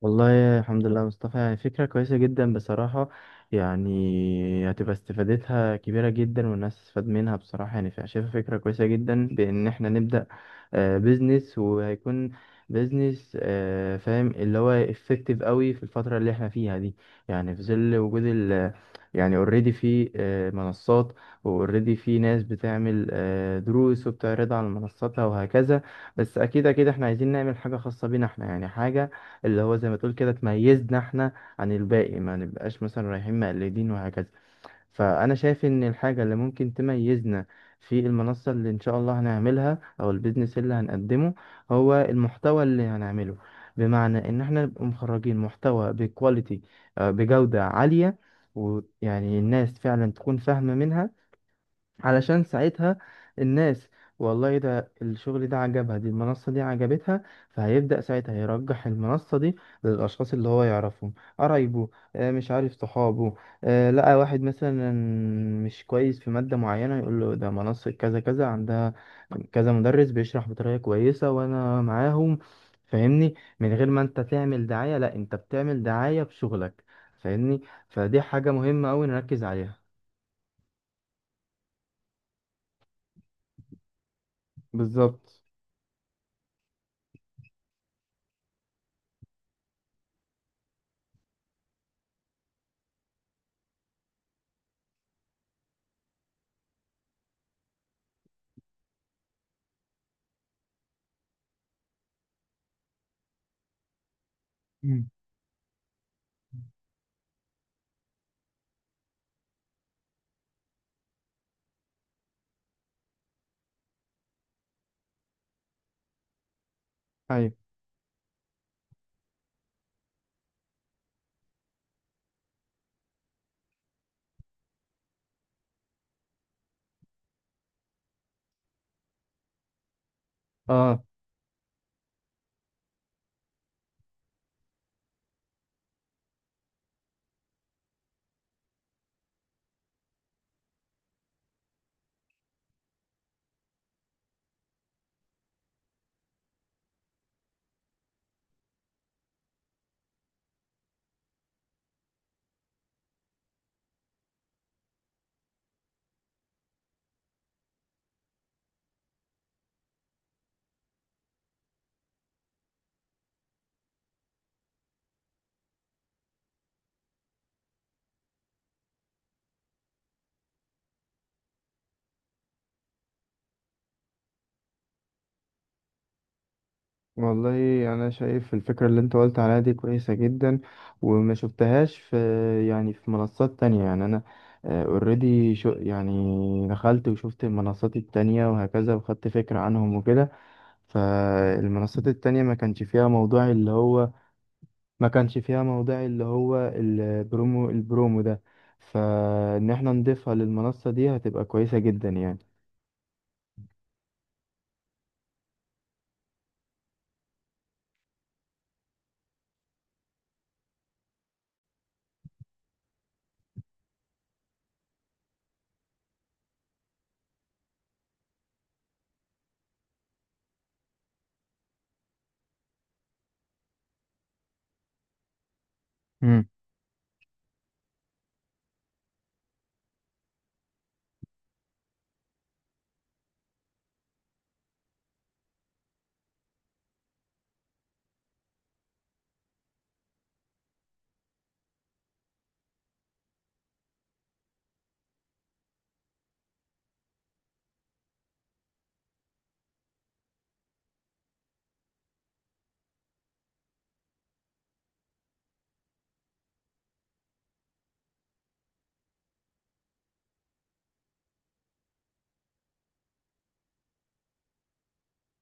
والله الحمد لله يا مصطفى، يعني فكرة كويسة جدا بصراحة. يعني هتبقى استفادتها كبيرة جدا والناس تستفاد منها بصراحة. شايفها فكرة كويسة جدا بإن احنا نبدأ بيزنس. وهيكون بيزنس، فاهم اللي هو effective قوي في الفترة اللي احنا فيها دي. يعني في ظل وجود ال، يعني اوريدي في منصات، واوريدي في ناس بتعمل دروس وبتعرضها على منصاتها وهكذا. بس اكيد احنا عايزين نعمل حاجة خاصة بينا احنا، يعني حاجة اللي هو زي ما تقول كده تميزنا احنا عن الباقي، ما نبقاش مثلا رايحين مقلدين وهكذا. فأنا شايف إن الحاجة اللي ممكن تميزنا في المنصة اللي إن شاء الله هنعملها أو البيزنس اللي هنقدمه، هو المحتوى اللي هنعمله. بمعنى إن احنا نبقى مخرجين محتوى بكواليتي، بجودة عالية، ويعني الناس فعلا تكون فاهمة منها. علشان ساعتها الناس والله ده الشغل ده عجبها، دي المنصة دي عجبتها، فهيبدأ ساعتها يرجح المنصة دي للأشخاص اللي هو يعرفهم، قرايبه، مش عارف صحابه. لقى واحد مثلا مش كويس في مادة معينة، يقول له ده منصة كذا كذا عندها كذا مدرس بيشرح بطريقة كويسة وأنا معاهم. فاهمني، من غير ما انت تعمل دعاية، لا انت بتعمل دعاية بشغلك. فاهمني، فدي حاجة مهمة أوي نركز عليها. بالظبط. مم. أيوة. اه. والله انا شايف الفكره اللي انت قلت عليها دي كويسه جدا، وما شفتهاش في يعني في منصات تانية. يعني انا اوريدي شو يعني دخلت وشفت المنصات التانية وهكذا وخدت فكره عنهم وكده، فالمنصات التانية ما كانش فيها موضوع اللي هو، ما كانش فيها موضوع اللي هو البرومو، البرومو ده. فان احنا نضيفها للمنصه دي هتبقى كويسه جدا يعني.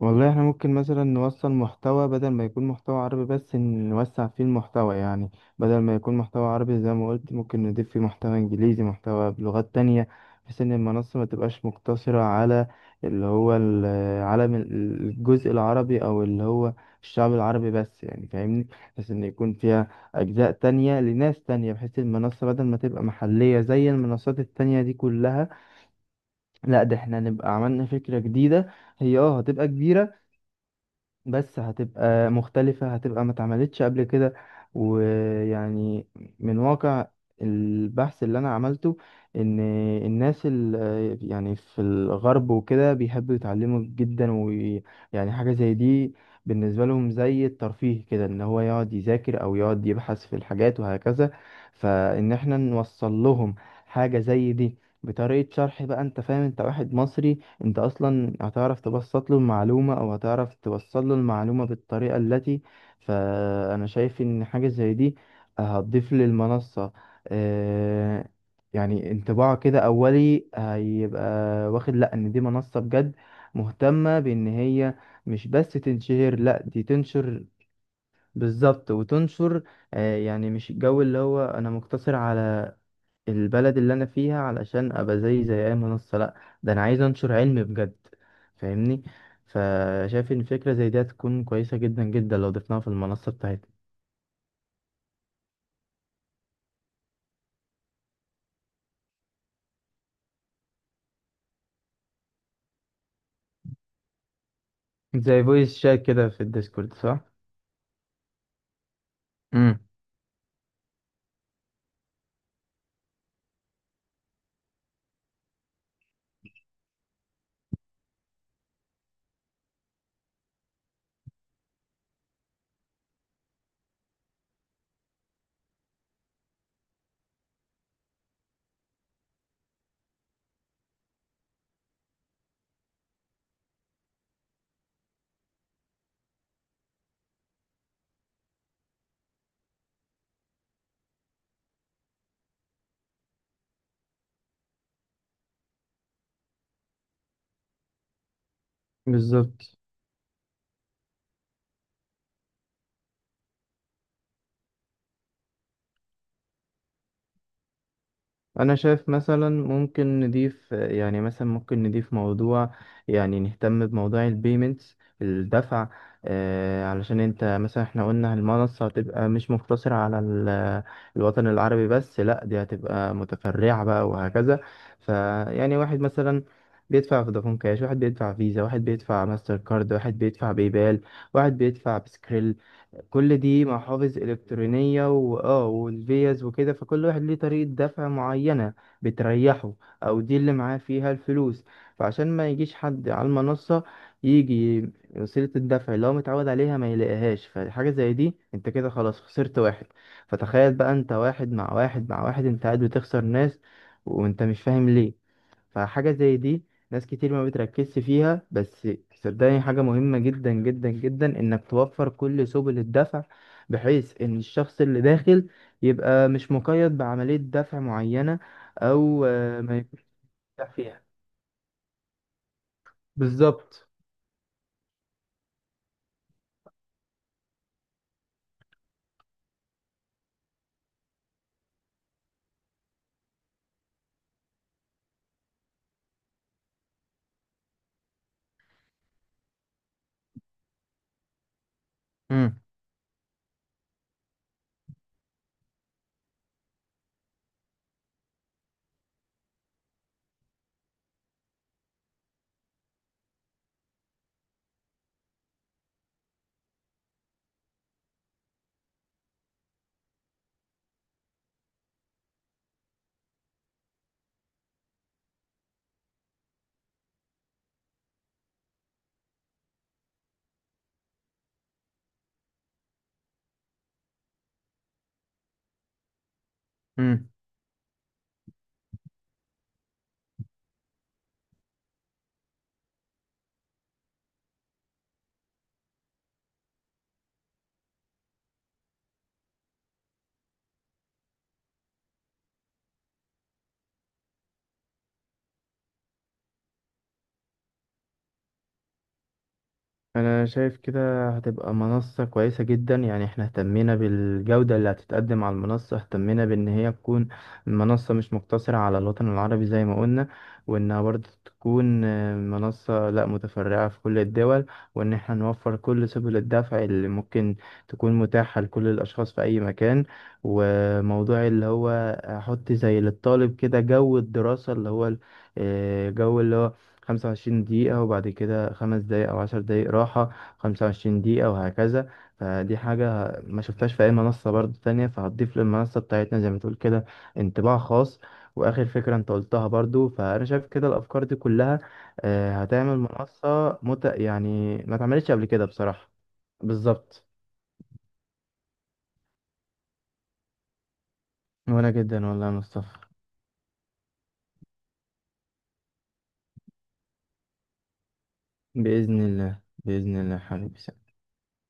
والله احنا ممكن مثلا نوصل محتوى، بدل ما يكون محتوى عربي بس نوسع فيه المحتوى. يعني بدل ما يكون محتوى عربي زي ما قلت، ممكن نضيف فيه محتوى انجليزي، محتوى بلغات تانية، بحيث ان المنصة ما تبقاش مقتصرة على اللي هو العالم الجزء العربي او اللي هو الشعب العربي بس، يعني فاهمني. بحيث ان يكون فيها اجزاء تانية لناس تانية، بحيث المنصة بدل ما تبقى محلية زي المنصات التانية دي كلها، لا ده احنا نبقى عملنا فكرة جديدة. هي اه هتبقى كبيرة، بس هتبقى مختلفة، هتبقى ما اتعملتش قبل كده. ويعني من واقع البحث اللي انا عملته، ان الناس يعني في الغرب وكده بيحبوا يتعلموا جدا، ويعني حاجة زي دي بالنسبة لهم زي الترفيه كده، ان هو يقعد يذاكر او يقعد يبحث في الحاجات وهكذا. فان احنا نوصل لهم حاجة زي دي بطريقة شرح، بقى انت فاهم انت واحد مصري، انت اصلا هتعرف تبسط له المعلومة او هتعرف توصل له المعلومة بالطريقة التي. فانا شايف ان حاجة زي دي هتضيف للمنصة آه، يعني انطباع كده اولي، هيبقى واخد، لا ان دي منصة بجد مهتمة بان هي مش بس تنشهر، لا دي تنشر. بالظبط، وتنشر. يعني مش الجو اللي هو انا مقتصر على البلد اللي انا فيها علشان ابقى زي زي اي منصة، لا ده انا عايز انشر علم بجد. فاهمني، فشايف ان فكرة زي دي هتكون كويسة جدا جدا لو ضفناها في المنصة بتاعتنا. زي فويس شات كده في الديسكورد، صح. امم. بالظبط. انا شايف مثلا ممكن نضيف، يعني مثلا ممكن نضيف موضوع، يعني نهتم بموضوع البيمنتس، الدفع. آه علشان انت مثلا احنا قلنا المنصة هتبقى مش مقتصرة على الوطن العربي بس، لا دي هتبقى متفرعة بقى وهكذا. فيعني واحد مثلا بيدفع فودافون كاش، واحد بيدفع فيزا، واحد بيدفع ماستر كارد، واحد بيدفع باي بال، واحد بيدفع بسكريل. كل دي محافظ إلكترونية، وآه والفيز وكده. فكل واحد ليه طريقة دفع معينة بتريحه، أو دي اللي معاه فيها الفلوس. فعشان ما يجيش حد على المنصة يجي وسيلة الدفع اللي هو متعود عليها ما يلاقيهاش، فحاجة زي دي انت كده خلاص خسرت واحد. فتخيل بقى انت واحد مع واحد مع واحد، انت قاعد بتخسر ناس وانت مش فاهم ليه. فحاجة زي دي ناس كتير ما بتركزش فيها، بس صدقني حاجة مهمة جدا جدا جدا انك توفر كل سبل الدفع، بحيث ان الشخص اللي داخل يبقى مش مقيد بعملية دفع معينة، او ما يكونش دافع فيها. بالظبط. مم. مم. انا شايف كده هتبقى منصة كويسة جدا. يعني احنا اهتمينا بالجودة اللي هتتقدم على المنصة، اهتمينا بان هي تكون منصة مش مقتصرة على الوطن العربي زي ما قلنا، وانها برضه تكون منصة لا متفرعة في كل الدول، وان احنا نوفر كل سبل الدفع اللي ممكن تكون متاحة لكل الاشخاص في اي مكان. وموضوع اللي هو احط زي للطالب كده جو الدراسة، اللي هو جو اللي هو 25 دقيقة وبعد كده 5 دقايق أو 10 دقايق راحة، 25 دقيقة وهكذا. فدي حاجة ما شفتهاش في أي منصة برضو تانية، فهتضيف للمنصة بتاعتنا زي ما تقول كده انطباع خاص. وآخر فكرة أنت قلتها برضو، فأنا شايف كده الأفكار دي كلها هتعمل منصة يعني ما اتعملتش قبل كده بصراحة. بالظبط. وأنا جدا والله يا مصطفى. بإذن الله، بإذن الله حبيبي.